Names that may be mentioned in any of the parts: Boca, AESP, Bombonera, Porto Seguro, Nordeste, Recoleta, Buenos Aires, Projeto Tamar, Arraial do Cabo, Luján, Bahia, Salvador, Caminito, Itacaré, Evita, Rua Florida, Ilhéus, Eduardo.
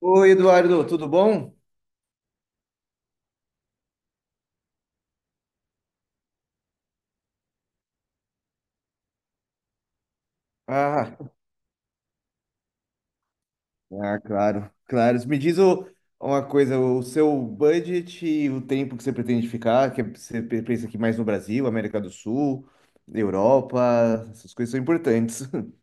Oi, Eduardo, tudo bom? Ah, Ah, claro, claro. Me diz uma coisa, o seu budget e o tempo que você pretende ficar, que você pensa aqui mais no Brasil, América do Sul, Europa, essas coisas são importantes.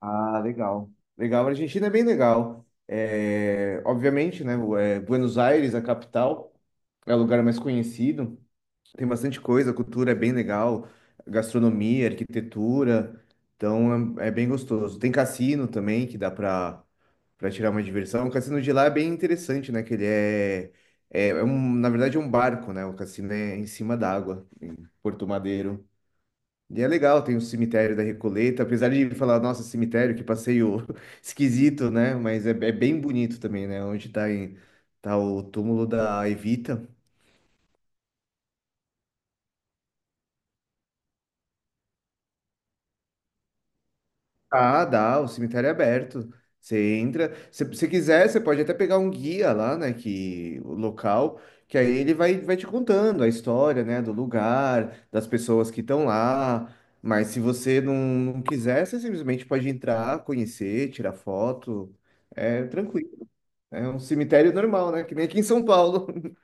Ah, legal. Legal, a Argentina é bem legal. É, obviamente, né, Buenos Aires, a capital, é o lugar mais conhecido. Tem bastante coisa, a cultura é bem legal, gastronomia, arquitetura, então é bem gostoso. Tem cassino também que dá pra tirar uma diversão. O cassino de lá é bem interessante, né? Que ele é um, na verdade, é um barco, né? O cassino é em cima d'água, em Porto Madeiro. E é legal, tem o cemitério da Recoleta, apesar de falar, nossa, cemitério, que passeio esquisito, né? Mas é bem bonito também, né? Onde tá, tá o túmulo da Evita. Ah, dá, o cemitério é aberto. Você entra, se você quiser, você pode até pegar um guia lá, né, que o local, que aí ele vai te contando a história, né, do lugar, das pessoas que estão lá. Mas se você não quiser, você simplesmente pode entrar, conhecer, tirar foto. É tranquilo. É um cemitério normal, né, que nem aqui em São Paulo.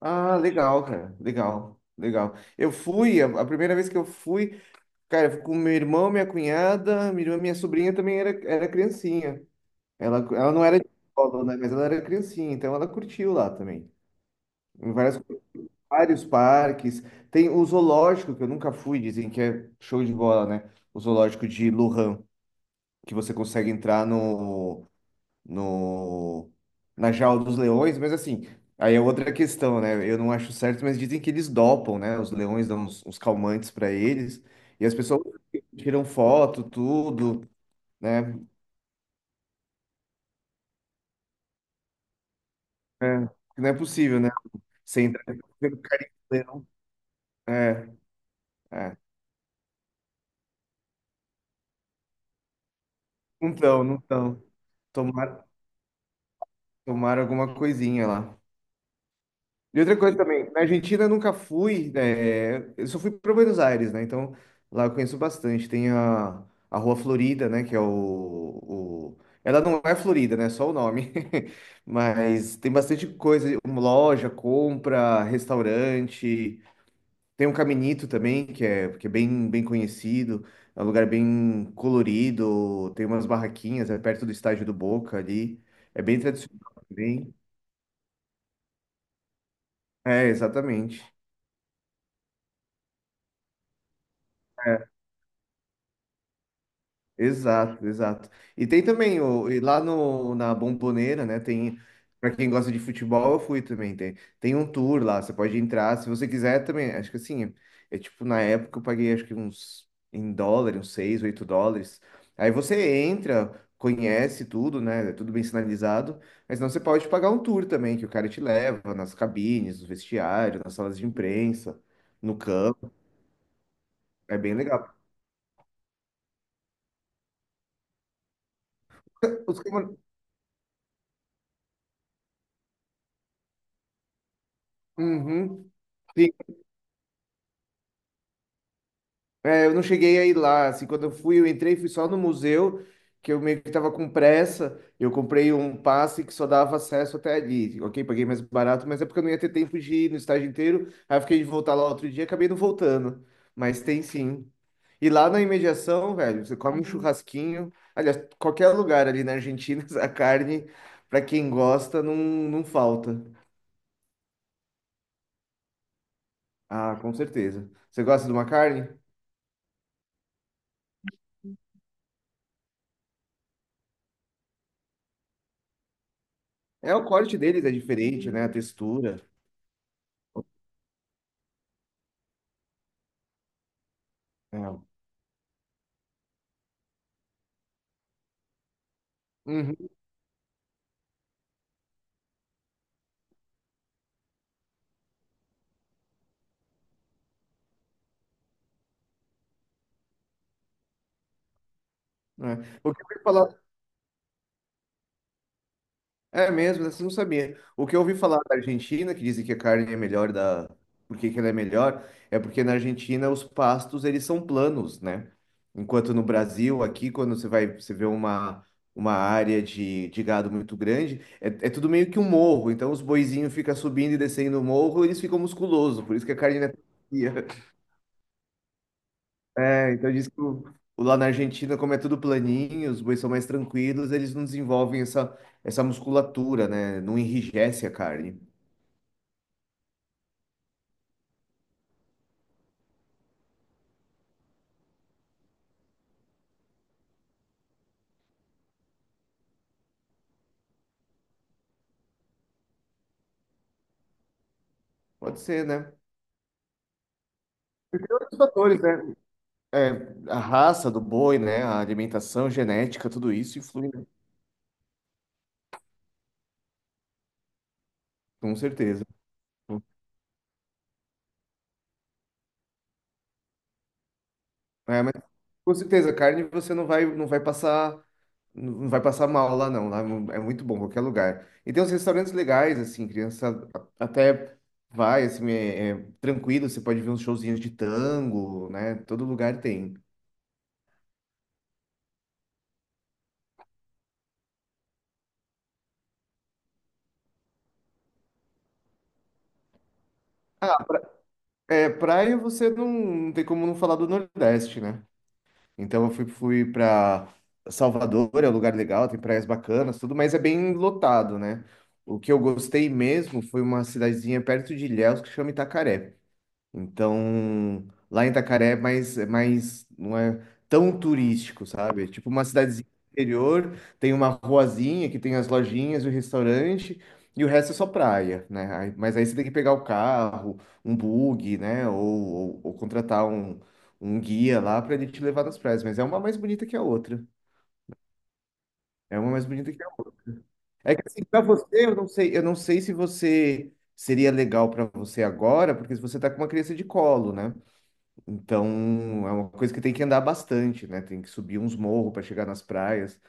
Ah, legal, cara. Legal, legal. Eu fui, a primeira vez que eu fui. Cara, eu fui com meu irmão, minha cunhada, minha irmã, minha sobrinha também era criancinha. Ela não era de escola, né? Mas ela era criancinha, então ela curtiu lá também. Em vários parques. Tem o zoológico, que eu nunca fui, dizem que é show de bola, né? O zoológico de Lujan, que você consegue entrar no, no, na jaula dos leões, mas assim, aí é outra questão, né? Eu não acho certo, mas dizem que eles dopam, né? Os leões dão uns calmantes para eles, e as pessoas tiram foto, tudo, né? É, não é possível, né? Sem entrar pelo carinho do leão. É, é. Não estão, não estão. Tomaram, tomaram alguma coisinha lá. E outra coisa também, na Argentina eu nunca fui, né, eu só fui para Buenos Aires, né? Então lá eu conheço bastante. Tem a Rua Florida, né? Que é Ela não é Florida, né? Só o nome. Mas tem bastante coisa, uma loja, compra, restaurante. Tem um Caminito também, que é bem conhecido. É um lugar bem colorido, tem umas barraquinhas, é perto do estádio do Boca ali. É bem tradicional também. É, exatamente. É. Exato, exato. E tem também e lá no, na Bombonera, né? Para quem gosta de futebol, eu fui também. Tem um tour lá, você pode entrar, se você quiser também. Acho que assim, é tipo, na época eu paguei acho que uns em dólar, uns 6, 8 dólares. Aí você entra, conhece tudo, né? É tudo bem sinalizado, mas não, você pode pagar um tour também, que o cara te leva nas cabines, no vestiário, nas salas de imprensa, no campo. É bem legal. Os camar- Uhum. É, eu não cheguei a ir lá, assim, quando eu fui, eu entrei, fui só no museu, que eu meio que tava com pressa, eu comprei um passe que só dava acesso até ali, ok? Paguei mais barato, mas é porque eu não ia ter tempo de ir no estágio inteiro, aí eu fiquei de voltar lá outro dia, acabei não voltando, mas tem sim. E lá na imediação, velho, você come um churrasquinho, aliás, qualquer lugar ali na Argentina, a carne, pra quem gosta, não falta. Ah, com certeza. Você gosta de uma carne? É, o corte deles é diferente, né? A textura. É. Uhum, é. O que eu ouvi falar é mesmo, você não sabia. O que eu ouvi falar da Argentina, que dizem que a carne é melhor da, por que que ela é melhor, é porque na Argentina os pastos eles são planos, né? Enquanto no Brasil, aqui quando você vai, você vê uma área de gado muito grande, é tudo meio que um morro, então os boizinhos ficam subindo e descendo o morro, eles ficam musculosos, por isso que a carne não é tão macia. É, então diz que o lá na Argentina, como é tudo planinho, os bois são mais tranquilos, eles não desenvolvem essa musculatura, né? Não enrijece a carne. Pode ser, né? E tem outros fatores, né? É, a raça do boi, né? A alimentação, genética, tudo isso influi, né? Com certeza. É, mas com certeza, carne você não vai passar. Não vai passar mal lá, não. Lá é muito bom, qualquer lugar. E tem uns restaurantes legais, assim, criança até vai, assim, é tranquilo. Você pode ver uns showzinhos de tango, né? Todo lugar tem. Ah, é, praia você não tem como não falar do Nordeste, né? Então eu fui pra Salvador, é um lugar legal, tem praias bacanas, tudo, mas é bem lotado, né? O que eu gostei mesmo foi uma cidadezinha perto de Ilhéus que chama Itacaré. Então, lá em Itacaré é mais, não é tão turístico, sabe? É tipo uma cidadezinha interior, tem uma ruazinha que tem as lojinhas e o restaurante, e o resto é só praia, né? Mas aí você tem que pegar o carro, um bug, né? Ou contratar um guia lá para ele te levar nas praias. Mas é uma mais bonita que a outra. É uma mais bonita que a outra. É que assim, para você, eu não sei se você seria legal para você agora, porque se você tá com uma criança de colo, né? Então, é uma coisa que tem que andar bastante, né? Tem que subir uns morros para chegar nas praias,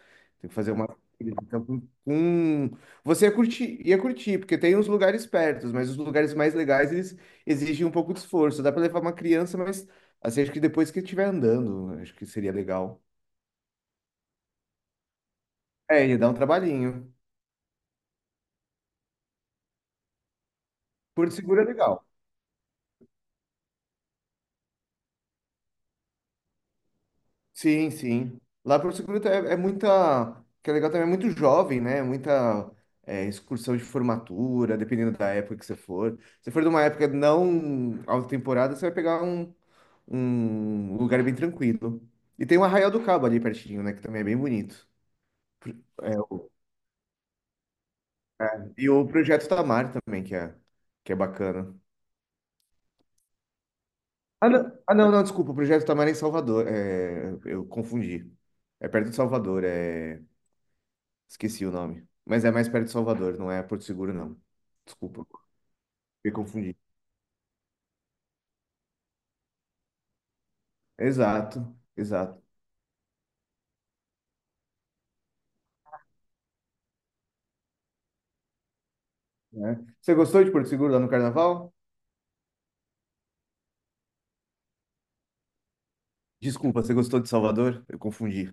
tem que fazer uma. Então, você ia curtir, porque tem uns lugares perto, mas os lugares mais legais eles exigem um pouco de esforço. Dá para levar uma criança, mas assim, acho que depois que estiver andando, acho que seria legal. É, ia dar um trabalhinho. Porto Seguro é legal. Sim, sim. Lá para o Seguro é muita. O que é legal também é muito jovem, né? Muita excursão de formatura, dependendo da época que você for. Se for de uma época não alta temporada, você vai pegar um lugar bem tranquilo. E tem o Arraial do Cabo ali pertinho, né? Que também é bem bonito. É, e o Projeto Tamar também, que é bacana. Ah, não, ah, não, não, desculpa. O Projeto Tamar é em Salvador. É, eu confundi. É perto de Salvador. É. Esqueci o nome. Mas é mais perto de Salvador, não é Porto Seguro, não. Desculpa, me confundi. Exato, exato. Né? Você gostou de Porto Seguro lá no Carnaval? Desculpa, você gostou de Salvador? Eu confundi.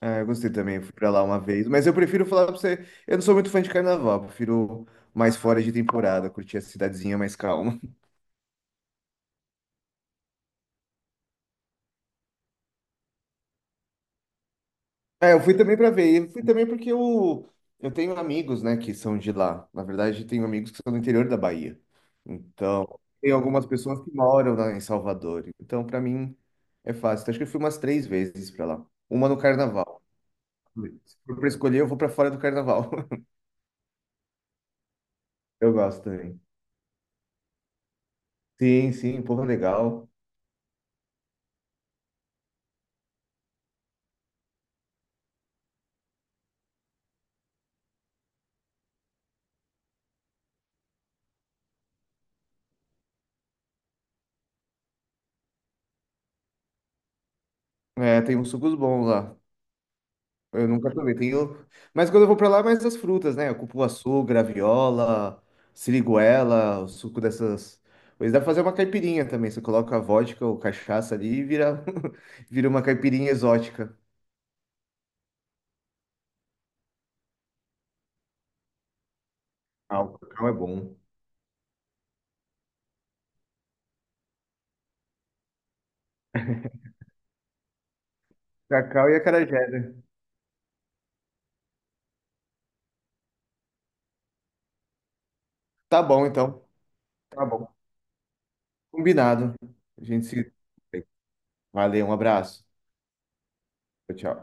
Ah, eu gostei também, eu fui pra lá uma vez. Mas eu prefiro falar pra você, eu não sou muito fã de Carnaval, eu prefiro mais fora de temporada, curtir a cidadezinha mais calma. É, eu fui também para ver. Eu fui também porque eu tenho amigos, né, que são de lá. Na verdade, tenho amigos que são do interior da Bahia. Então, tem algumas pessoas que moram lá em Salvador. Então, para mim, é fácil. Então, acho que eu fui umas três vezes para lá. Uma no carnaval. Se for para escolher, eu vou para fora do carnaval. Eu gosto também. Sim, sim, povo legal. É, tem uns sucos bons lá. Eu nunca provei. Tenho... Mas quando eu vou pra lá, é mais as frutas, né? Cupuaçu, graviola, siriguela, o suco dessas coisas. Dá pra fazer uma caipirinha também. Você coloca a vodka ou cachaça ali e vira, vira uma caipirinha exótica. Ah, o cacau é bom. Cacau e acarajé, né? Tá bom, então. Tá bom. Combinado. A gente se... Valeu, um abraço. Tchau, tchau.